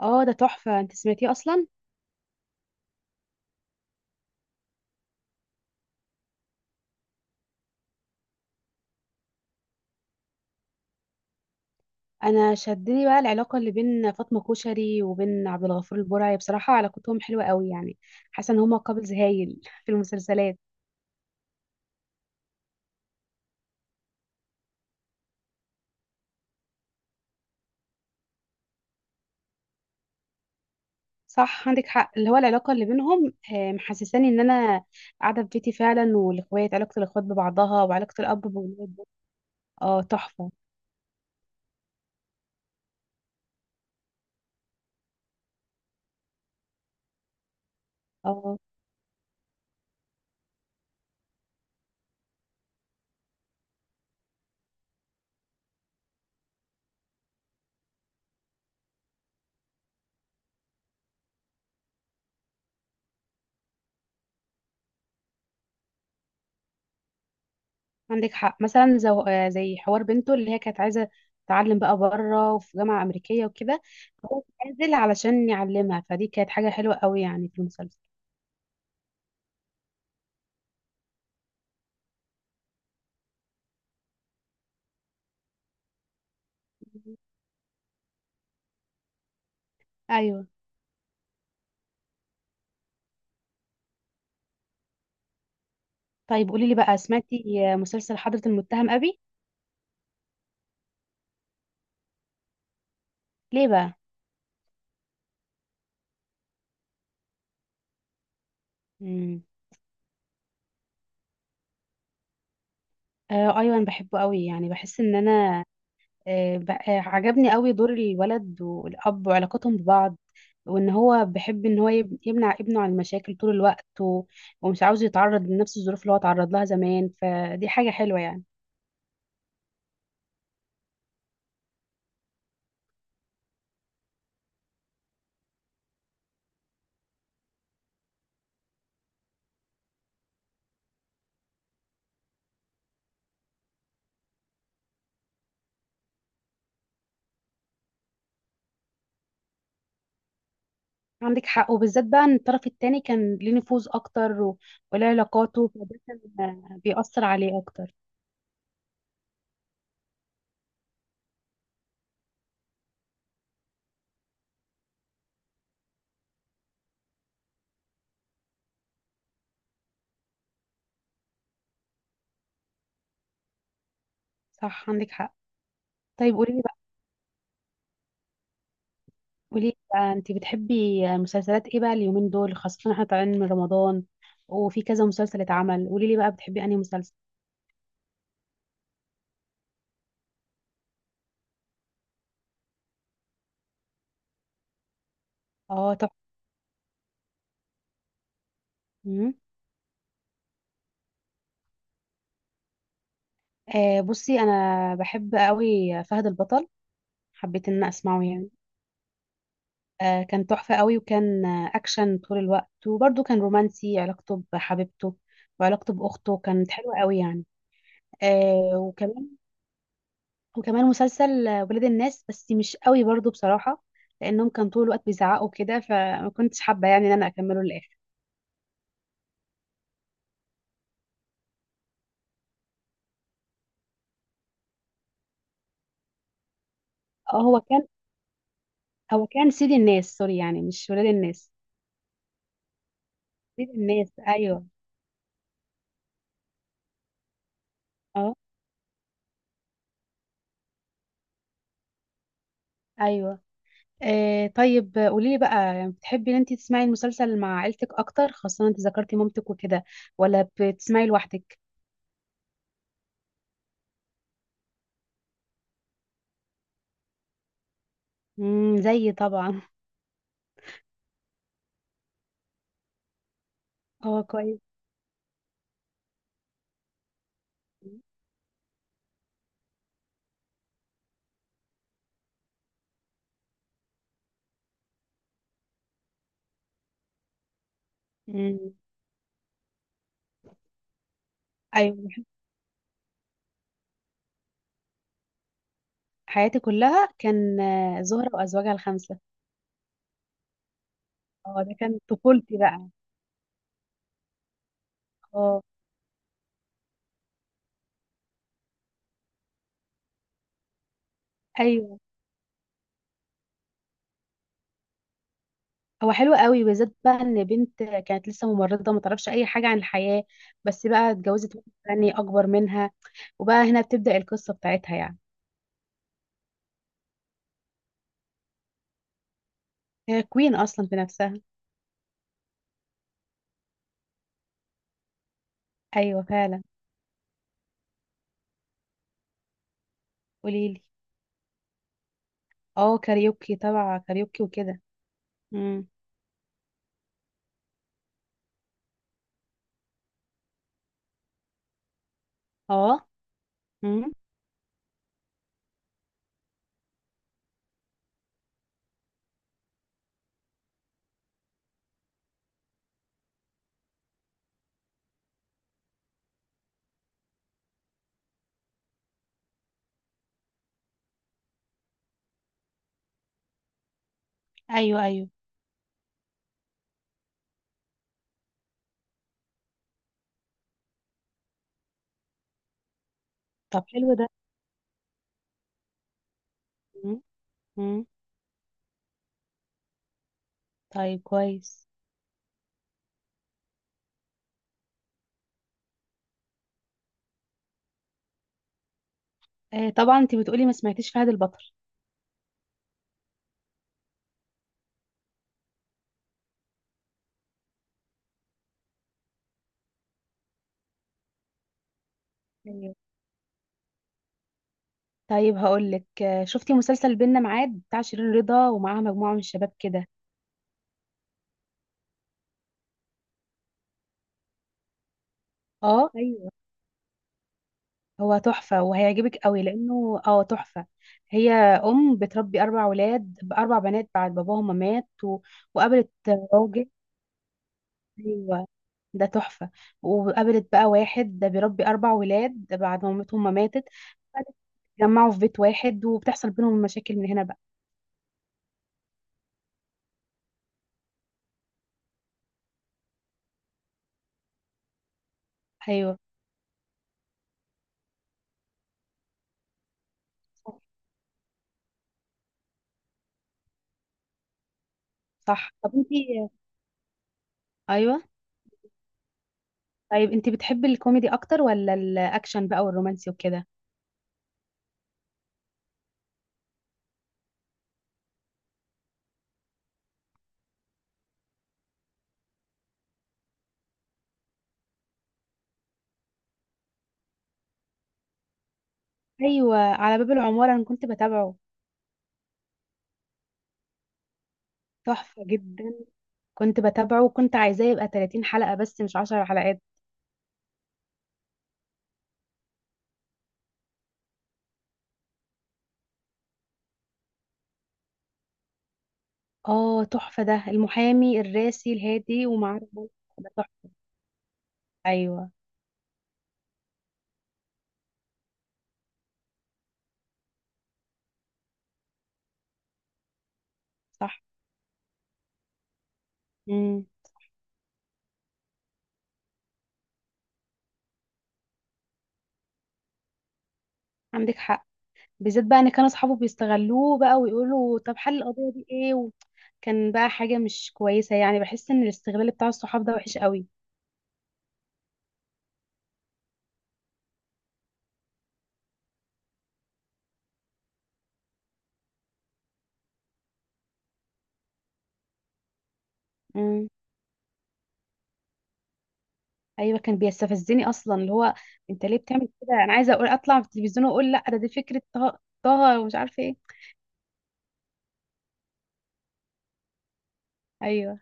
اه، ده تحفة. انت سمعتيه اصلا؟ انا شدني بقى العلاقة اللي بين فاطمة كوشري وبين عبد الغفور البرعي. بصراحة علاقتهم حلوة قوي يعني. حاسة ان هما كابلز هايل في المسلسلات. صح، عندك حق. اللي هو العلاقة اللي بينهم محسساني ان انا قاعدة في بيتي فعلا. والاخوات، علاقة الاخوات ببعضها وعلاقة الاب بولاده. اه، تحفة. اه، عندك حق. مثلا زو... آه، زي حوار بنته اللي هي كانت عايزه تتعلم بقى بره وفي جامعه امريكيه وكده. هو نازل علشان يعلمها. فدي كانت حاجه حلوه قوي يعني في المسلسل. ايوه. طيب قولي لي بقى، سمعتي مسلسل حضرة المتهم ابي؟ ليه بقى؟ امم. آه، ايوه، انا بحبه قوي. يعني بحس ان انا عجبني قوي دور الولد والأب وعلاقتهم ببعض. وإن هو بيحب إن هو يمنع ابنه عن المشاكل طول الوقت ومش عاوز يتعرض لنفس الظروف اللي هو اتعرض لها زمان. فدي حاجة حلوة يعني. عندك حق. وبالذات بقى إن الطرف التاني كان ليه نفوذ أكتر وله علاقاته. فده كان بيأثر عليه أكتر. صح، عندك حق. طيب قولي لي بقى أنت بتحبي مسلسلات إيه بقى؟ اليومين دول خاصة إحنا طالعين من رمضان، وفي كذا مسلسل اتعمل. قولي لي بقى بتحبي أنهي مسلسل؟ اه، طب. مم. آه، بصي، انا بحب قوي فهد البطل. حبيت ان أنا اسمعه يعني. آه، كان تحفة قوي. وكان اكشن طول الوقت، وبرده كان رومانسي. علاقته بحبيبته وعلاقته باخته كانت حلوة قوي يعني. آه، وكمان مسلسل ولاد الناس، بس مش قوي برضو بصراحة. لانهم كان طول الوقت بيزعقوا كده، فما كنتش حابة يعني ان انا اكمله للاخر. اه، هو كان سيد الناس، سوري، يعني مش ولاد الناس. سيد الناس، ايوه. اه، ايوه. آه، طيب قولي لي بقى، بتحبي ان انت تسمعي المسلسل مع عيلتك اكتر خاصة انت ذكرتي مامتك وكده؟ ولا بتسمعي لوحدك؟ زيي طبعا. اه، كويس. امم. ايوه، حياتي كلها كان زهرة وازواجها الخمسة. اه، ده كان طفولتي بقى. اه، ايوه. هو حلو قوي، بالذات بقى ان بنت كانت لسه ممرضة ما تعرفش اي حاجة عن الحياة. بس بقى اتجوزت واحد تاني اكبر منها، وبقى هنا بتبدأ القصة بتاعتها يعني. هي كوين اصلا في نفسها. ايوه، فعلا. قوليلي. اه، كاريوكي تبع كاريوكي وكده. مم. اه. مم. ايوه، ايوه. طب، حلو ده. مم. مم. طيب، كويس. آه، طبعا. انت بتقولي ما سمعتيش فهد البطل؟ ايوه. طيب هقولك، شفتي مسلسل بينا معاد بتاع شيرين رضا ومعاها مجموعة من الشباب كده؟ اه، ايوه. هو تحفة وهيعجبك قوي، لأنه تحفة. هي أم بتربي أربع ولاد بأربع بنات بعد باباهم ما مات وقابلت راجل. أيوة. ده تحفة. وقابلت بقى واحد ده بيربي أربع ولاد بعد ما مامتهم ما ماتت. اتجمعوا في بيت واحد وبتحصل بينهم مشاكل من هنا بقى. أيوه، صح. طب انتي، أيوه، طيب انتي بتحبي الكوميدي أكتر ولا الأكشن بقى والرومانسي وكده؟ أيوه، على باب العمارة. أنا كنت بتابعه. تحفة جدا. كنت بتابعه وكنت عايزاه يبقى 30 حلقة بس مش 10 حلقات. اه، تحفة. ده المحامي الراسي الهادي ومعاه رجل، ده تحفة. أيوه. صح. امم. عندك حق، بالذات بقى ان كانوا اصحابه بيستغلوه بقى ويقولوا طب حل القضيه دي ايه كان بقى حاجه مش كويسه. يعني بحس ان الاستغلال بتاع الصحاب ده وحش قوي. امم. ايوه، كان بيستفزني اصلا. اللي هو، انت ليه بتعمل كده؟ انا عايزه اقول اطلع في التلفزيون واقول لا، ده دي فكره طه، طه، ومش عارفه ايه. ايوه.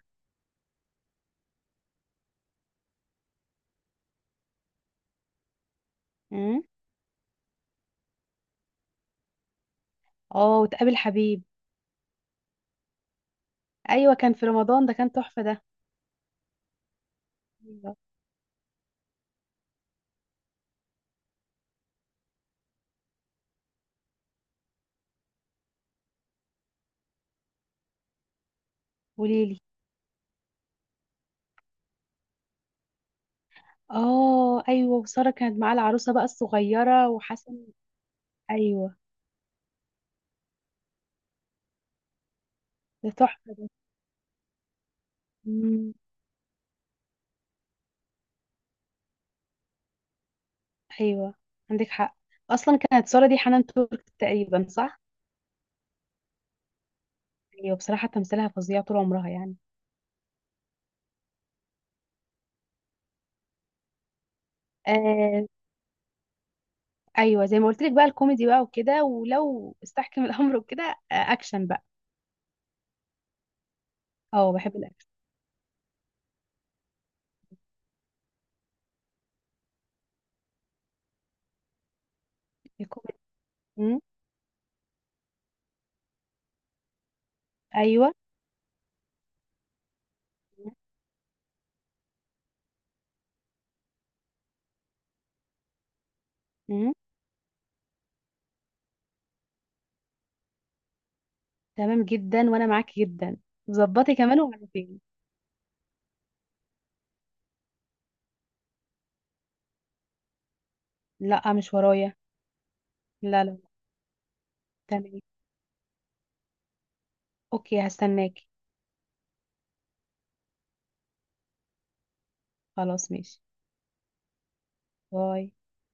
امم. اه، وتقابل حبيب. ايوه، كان في رمضان. ده كان تحفه ده. ايوه. وليلي. اه، ايوه. وساره كانت معاه العروسه بقى الصغيره وحسن. ايوه. ده تحفه ده. مم. ايوه، عندك حق. اصلا كانت سارة دي حنان ترك تقريبا، صح؟ ايوه، بصراحة تمثيلها فظيع طول عمرها يعني. آه، ايوه، زي ما قلت لك بقى، الكوميدي بقى وكده، ولو استحكم الامر وكده. آه، اكشن بقى. اه، بحب الاكشن. الكوميدي. مم. ايوه. مم. تمام جدا، وانا معاكي جدا. ظبطي كمان وعرفيني. لا، مش ورايا. لا، لا. تمام. اوكي، هستناكي. خلاص، ماشي. باي.